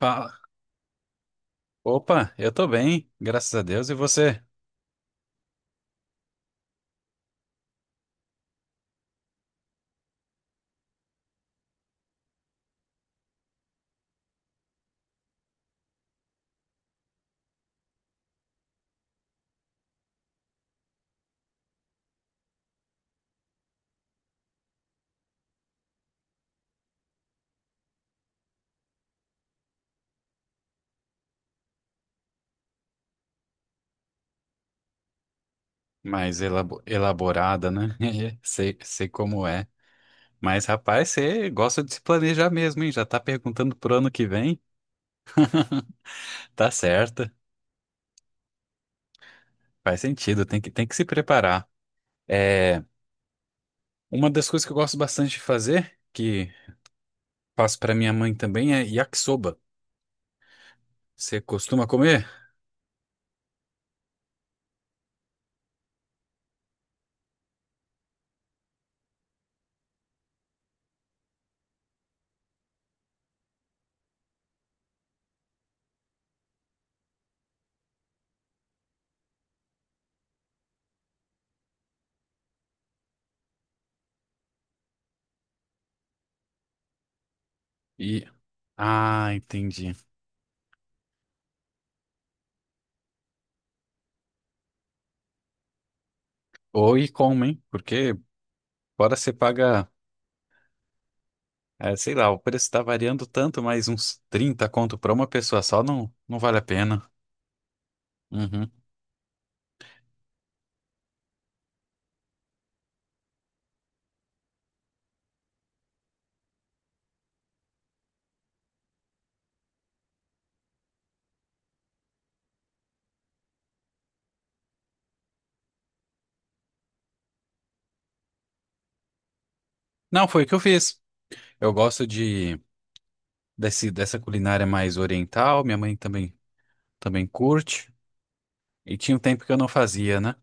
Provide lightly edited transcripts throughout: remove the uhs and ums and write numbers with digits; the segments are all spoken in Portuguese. Fala. Opa, eu tô bem, graças a Deus, e você? Mais elaborada, né? Sei, sei como é. Mas, rapaz, você gosta de se planejar mesmo, hein? Já tá perguntando pro ano que vem? Tá certa, faz sentido, tem que se preparar. É, uma das coisas que eu gosto bastante de fazer, que faço pra minha mãe também, é yakisoba. Você costuma comer? E... Ah, entendi. Ou e como, hein? Porque fora você paga. É, sei lá, o preço tá variando tanto, mas uns 30 conto pra uma pessoa só não vale a pena. Uhum. Não, foi o que eu fiz. Eu gosto dessa culinária mais oriental, minha mãe também curte. E tinha um tempo que eu não fazia, né?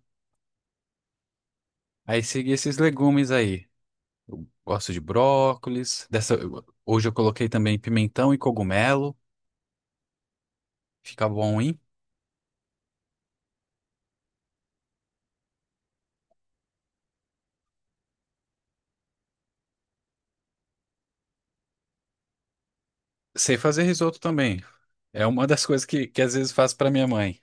Aí segui esses legumes aí. Eu gosto de brócolis. Hoje eu coloquei também pimentão e cogumelo. Fica bom, hein? Sei fazer risoto também. É uma das coisas que às vezes faço pra minha mãe.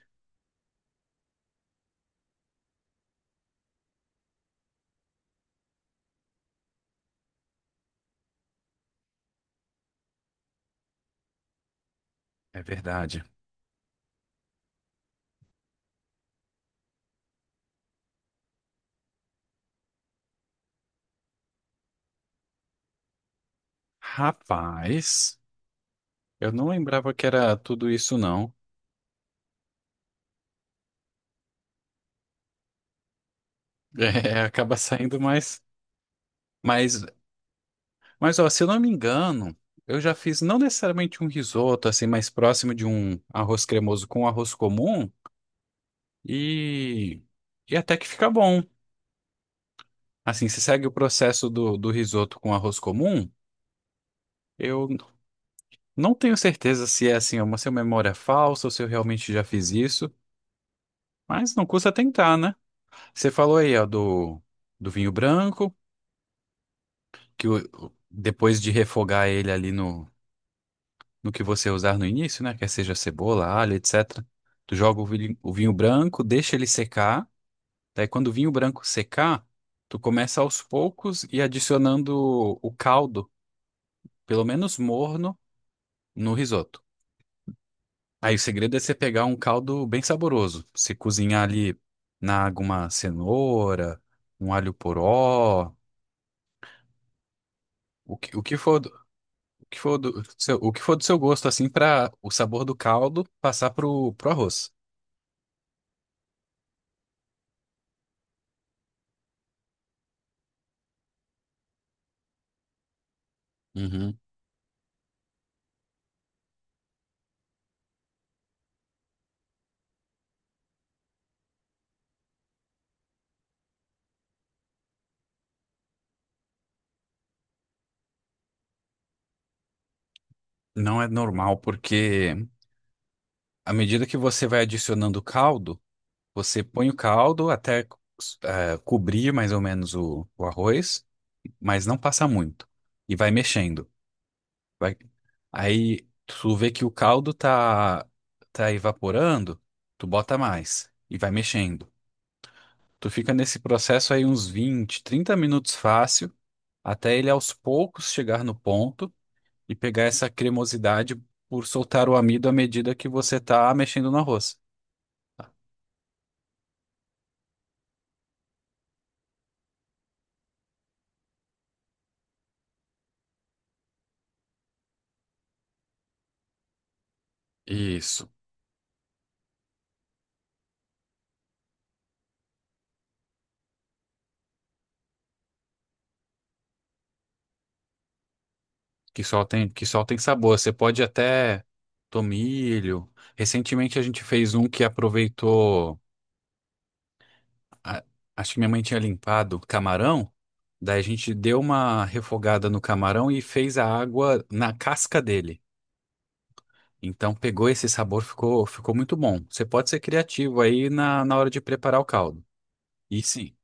É verdade. Rapaz. Eu não lembrava que era tudo isso, não. É, acaba saindo mais. Mas, mas ó, se eu não me engano, eu já fiz não necessariamente um risoto, assim, mais próximo de um arroz cremoso com arroz comum, e, e até que fica bom. Assim, se segue o processo do risoto com arroz comum, eu n- não tenho certeza se é assim, uma se é memória falsa ou se eu realmente já fiz isso, mas não custa tentar, né? Você falou aí, ó, do vinho branco. Depois de refogar ele ali no que você usar no início, né? Quer seja cebola, alho, etc. Tu joga o vinho branco, deixa ele secar. Daí quando o vinho branco secar, tu começa aos poucos e adicionando o caldo, pelo menos morno, no risoto. Aí o segredo é você pegar um caldo bem saboroso. Você cozinhar ali na água uma cenoura, um alho poró, o que, o que for o que for do seu gosto, assim, para o sabor do caldo passar pro arroz. Uhum. Não é normal, porque à medida que você vai adicionando o caldo, você põe o caldo até cobrir mais ou menos o arroz, mas não passa muito. E vai mexendo. Vai... Aí tu vê que o caldo tá evaporando, tu bota mais e vai mexendo. Tu fica nesse processo aí uns 20 30 minutos fácil até ele aos poucos chegar no ponto e pegar essa cremosidade por soltar o amido à medida que você está mexendo no arroz. Isso, que só tem sabor. Você pode até tomilho. Recentemente a gente fez um que aproveitou, a- acho que minha mãe tinha limpado camarão, daí a gente deu uma refogada no camarão e fez a água na casca dele. Então pegou esse sabor, ficou muito bom. Você pode ser criativo aí na hora de preparar o caldo. E sim.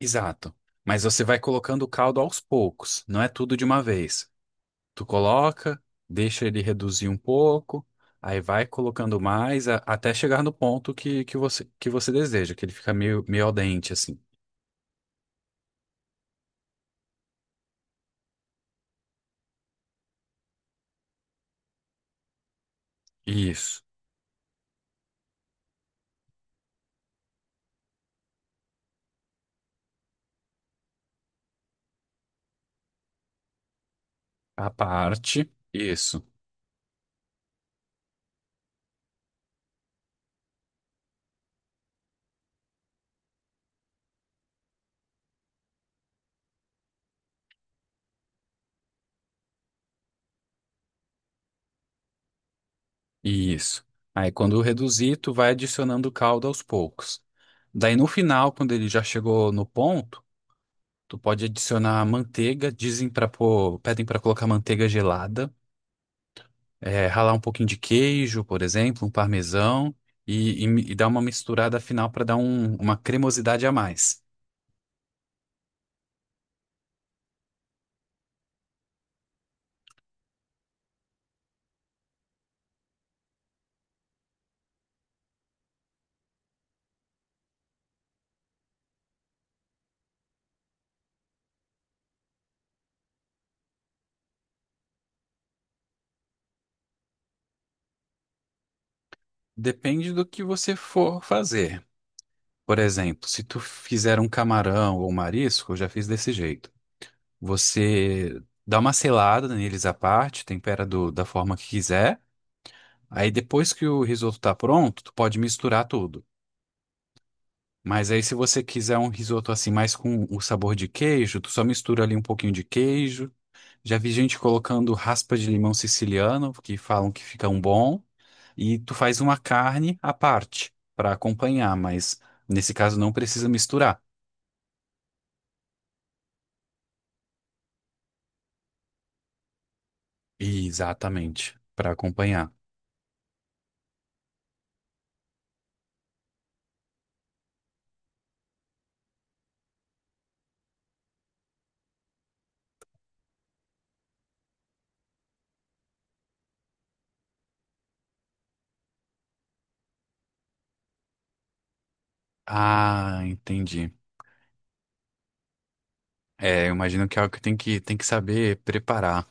Exato. Mas você vai colocando o caldo aos poucos, não é tudo de uma vez. Tu coloca, deixa ele reduzir um pouco, aí vai colocando mais até chegar no ponto que você deseja, que ele fica meio, meio al dente, assim. Isso. A parte. Isso. Isso. Aí quando reduzir, tu vai adicionando o caldo aos poucos. Daí no final, quando ele já chegou no ponto, tu pode adicionar manteiga. Pedem para colocar manteiga gelada. É, ralar um pouquinho de queijo, por exemplo, um parmesão e dar uma misturada final para dar uma cremosidade a mais. Depende do que você for fazer. Por exemplo, se tu fizer um camarão ou um marisco, eu já fiz desse jeito. Você dá uma selada neles à parte, tempera da forma que quiser. Aí depois que o risoto tá pronto, tu pode misturar tudo. Mas aí se você quiser um risoto assim mais com o sabor de queijo, tu só mistura ali um pouquinho de queijo. Já vi gente colocando raspa de limão siciliano, que falam que fica um bom, e tu faz uma carne à parte para acompanhar, mas nesse caso não precisa misturar. Exatamente, para acompanhar. Ah, entendi. É, eu imagino que é algo que tem que saber preparar.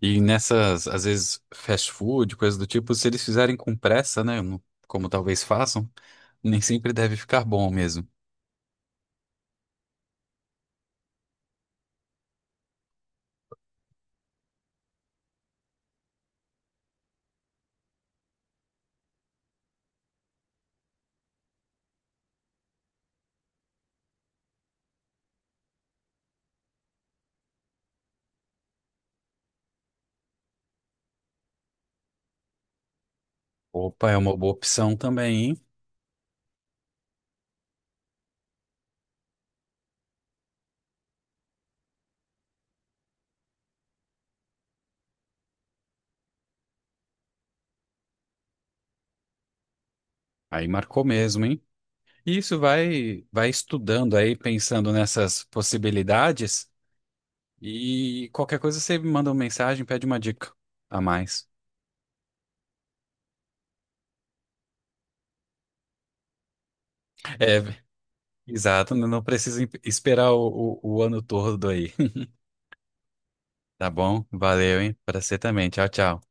E nessas, às vezes, fast food, coisas do tipo, se eles fizerem com pressa, né, como talvez façam, nem sempre deve ficar bom mesmo. Opa, é uma boa opção também, hein? Aí marcou mesmo, hein? E isso vai estudando aí, pensando nessas possibilidades e qualquer coisa você me manda uma mensagem, pede uma dica a mais. É, exato, não precisa esperar o ano todo aí. Tá bom? Valeu, hein? Pra você também. Tchau, tchau.